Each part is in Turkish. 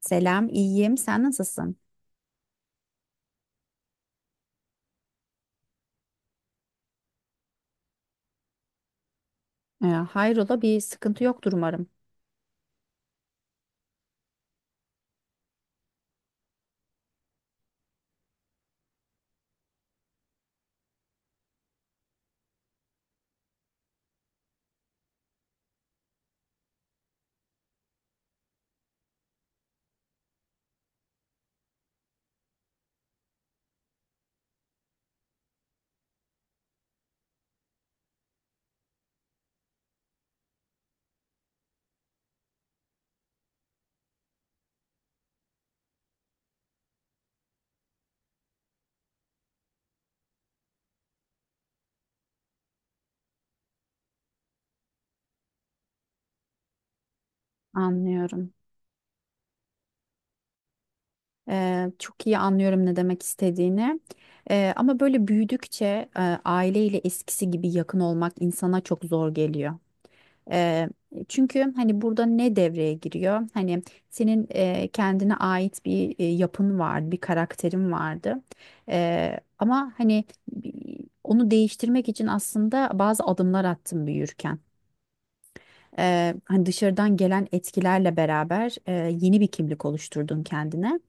Selam, iyiyim. Sen nasılsın? Hayrola, bir sıkıntı yoktur umarım. Anlıyorum. Çok iyi anlıyorum ne demek istediğini. Ama böyle büyüdükçe aileyle eskisi gibi yakın olmak insana çok zor geliyor. Ee, Çünkü hani burada ne devreye giriyor? Hani senin kendine ait bir yapın vardı, bir karakterin vardı. Ama hani onu değiştirmek için aslında bazı adımlar attım büyürken. Hani dışarıdan gelen etkilerle beraber yeni bir kimlik oluşturdun kendine.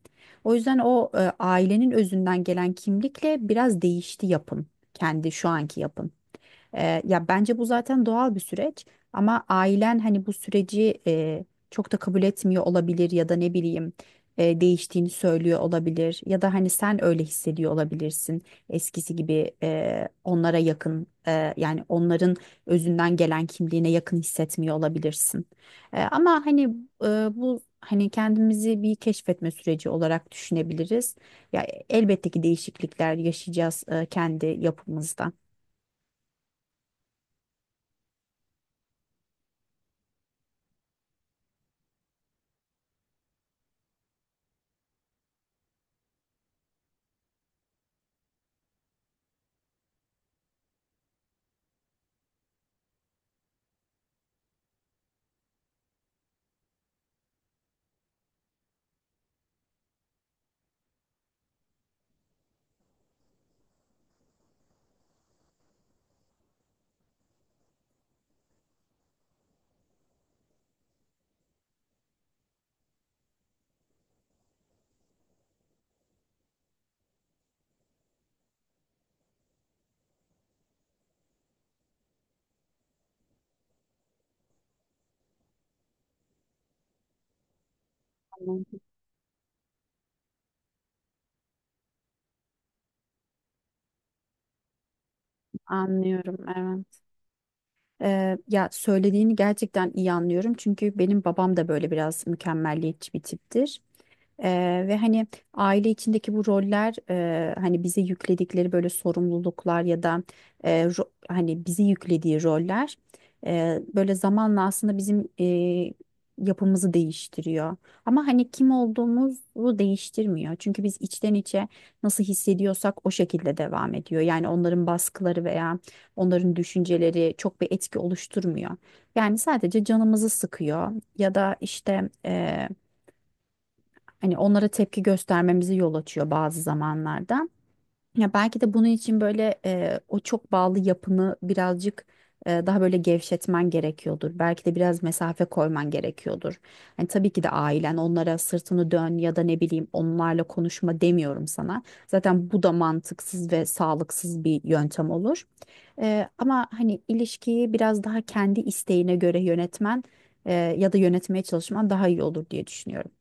O yüzden o ailenin özünden gelen kimlikle biraz değişti yapın. Kendi şu anki yapın. Ya bence bu zaten doğal bir süreç ama ailen hani bu süreci çok da kabul etmiyor olabilir ya da ne bileyim değiştiğini söylüyor olabilir ya da hani sen öyle hissediyor olabilirsin eskisi gibi onlara yakın, yani onların özünden gelen kimliğine yakın hissetmiyor olabilirsin. Ama hani bu hani kendimizi bir keşfetme süreci olarak düşünebiliriz. Ya elbette ki değişiklikler yaşayacağız, kendi yapımızda. Anlıyorum. Evet. Ya söylediğini gerçekten iyi anlıyorum. Çünkü benim babam da böyle biraz mükemmelliyetçi bir tiptir. Ve hani aile içindeki bu roller, hani bize yükledikleri böyle sorumluluklar ya da hani bizi yüklediği roller böyle zamanla aslında bizim yapımızı değiştiriyor. Ama hani kim olduğumuzu değiştirmiyor. Çünkü biz içten içe nasıl hissediyorsak o şekilde devam ediyor. Yani onların baskıları veya onların düşünceleri çok bir etki oluşturmuyor. Yani sadece canımızı sıkıyor ya da işte hani onlara tepki göstermemizi yol açıyor bazı zamanlarda. Ya belki de bunun için böyle o çok bağlı yapını birazcık daha böyle gevşetmen gerekiyordur. Belki de biraz mesafe koyman gerekiyordur. Hani tabii ki de ailen onlara sırtını dön ya da ne bileyim onlarla konuşma demiyorum sana. Zaten bu da mantıksız ve sağlıksız bir yöntem olur. Ama hani ilişkiyi biraz daha kendi isteğine göre yönetmen, ya da yönetmeye çalışman daha iyi olur diye düşünüyorum.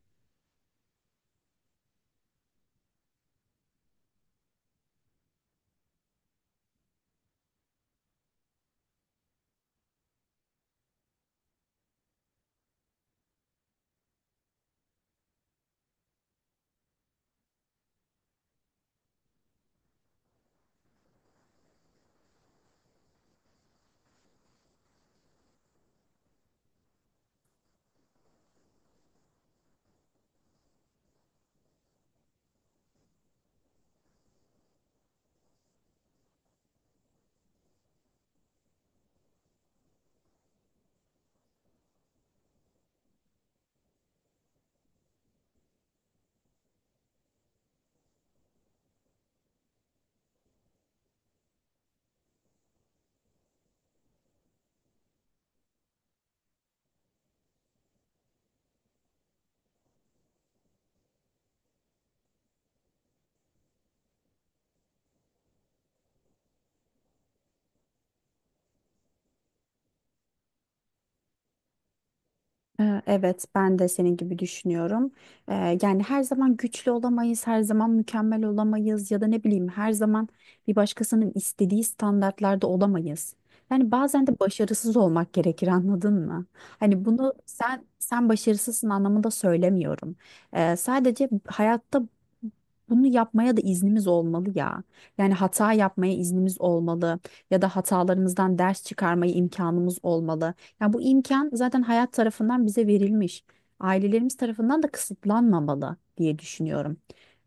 Evet, ben de senin gibi düşünüyorum. Yani her zaman güçlü olamayız, her zaman mükemmel olamayız ya da ne bileyim her zaman bir başkasının istediği standartlarda olamayız. Yani bazen de başarısız olmak gerekir, anladın mı? Hani bunu sen başarısızsın anlamında söylemiyorum. Sadece hayatta bunu yapmaya da iznimiz olmalı ya. Yani hata yapmaya iznimiz olmalı ya da hatalarımızdan ders çıkarmaya imkanımız olmalı. Ya bu imkan zaten hayat tarafından bize verilmiş. Ailelerimiz tarafından da kısıtlanmamalı diye düşünüyorum.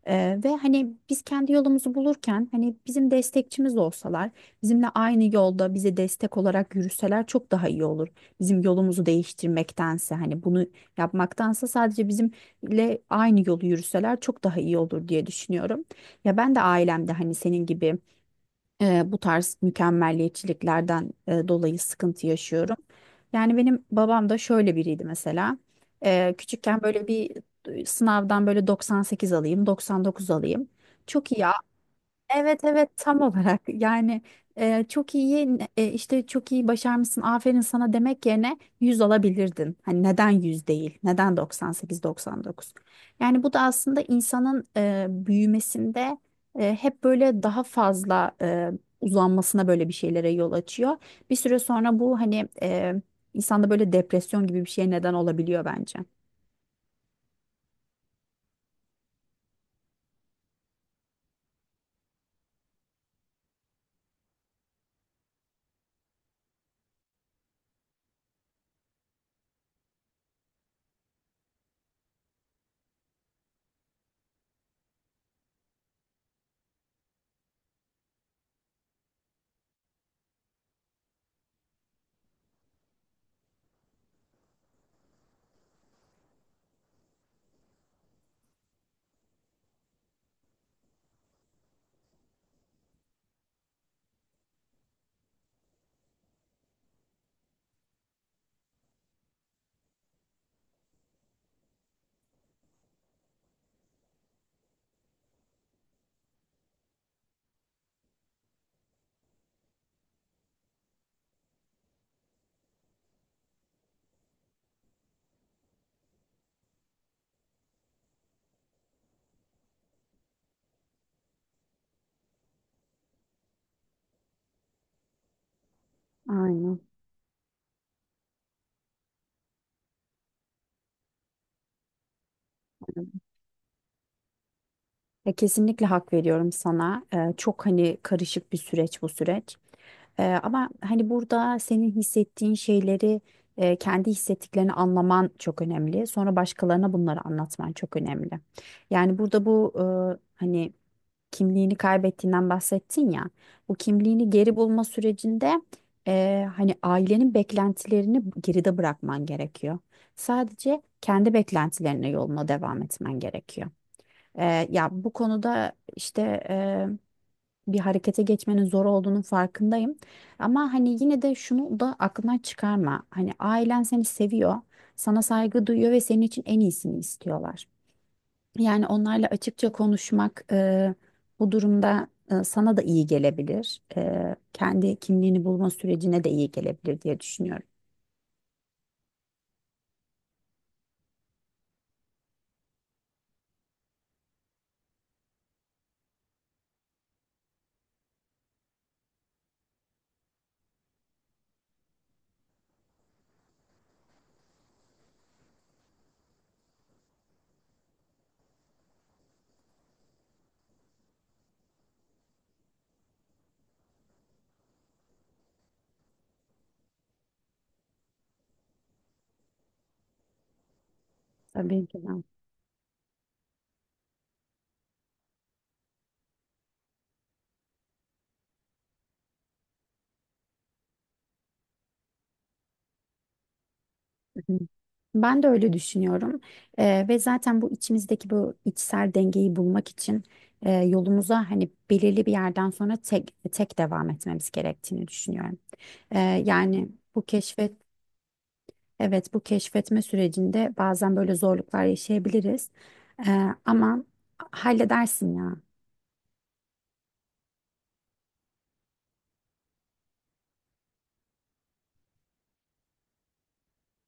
Ve hani biz kendi yolumuzu bulurken hani bizim destekçimiz olsalar, bizimle aynı yolda bize destek olarak yürüseler çok daha iyi olur. Bizim yolumuzu değiştirmektense, hani bunu yapmaktansa, sadece bizimle aynı yolu yürüseler çok daha iyi olur diye düşünüyorum. Ya ben de ailemde hani senin gibi bu tarz mükemmelliyetçiliklerden dolayı sıkıntı yaşıyorum. Yani benim babam da şöyle biriydi mesela. Küçükken böyle bir sınavdan böyle 98 alayım, 99 alayım. Çok iyi. Evet, evet, tam olarak yani çok iyi, işte çok iyi başarmışsın, aferin sana demek yerine 100 alabilirdin. Hani neden yüz değil, neden 98-99, yani bu da aslında insanın büyümesinde hep böyle daha fazla uzanmasına, böyle bir şeylere yol açıyor. Bir süre sonra bu hani İnsanda böyle depresyon gibi bir şeye neden olabiliyor bence. Aynen. Ya kesinlikle hak veriyorum sana. Çok hani karışık bir süreç bu süreç. Ama hani burada senin hissettiğin şeyleri, kendi hissettiklerini anlaman çok önemli. Sonra başkalarına bunları anlatman çok önemli. Yani burada bu hani kimliğini kaybettiğinden bahsettin ya. Bu kimliğini geri bulma sürecinde hani ailenin beklentilerini geride bırakman gerekiyor. Sadece kendi beklentilerine yoluna devam etmen gerekiyor. Ya bu konuda işte eee, bir harekete geçmenin zor olduğunun farkındayım. Ama hani yine de şunu da aklından çıkarma. Hani ailen seni seviyor, sana saygı duyuyor ve senin için en iyisini istiyorlar. Yani onlarla açıkça konuşmak, bu durumda, sana da iyi gelebilir. Kendi kimliğini bulma sürecine de iyi gelebilir diye düşünüyorum. Tabii ki de. Ben de öyle düşünüyorum. Ve zaten bu içimizdeki bu içsel dengeyi bulmak için yolumuza hani belirli bir yerden sonra tek tek devam etmemiz gerektiğini düşünüyorum. Yani bu keşfet evet, bu keşfetme sürecinde bazen böyle zorluklar yaşayabiliriz. Ama halledersin ya.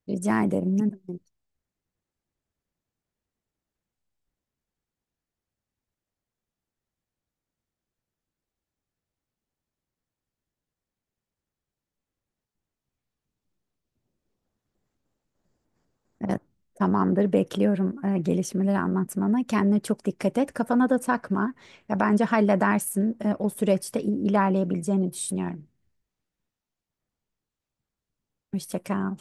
Rica ederim. Ne demek? E, Tamamdır, bekliyorum gelişmeleri anlatmanı. Kendine çok dikkat et. Kafana da takma. Ya bence halledersin. O süreçte iyi ilerleyebileceğini düşünüyorum. Hoşça kal.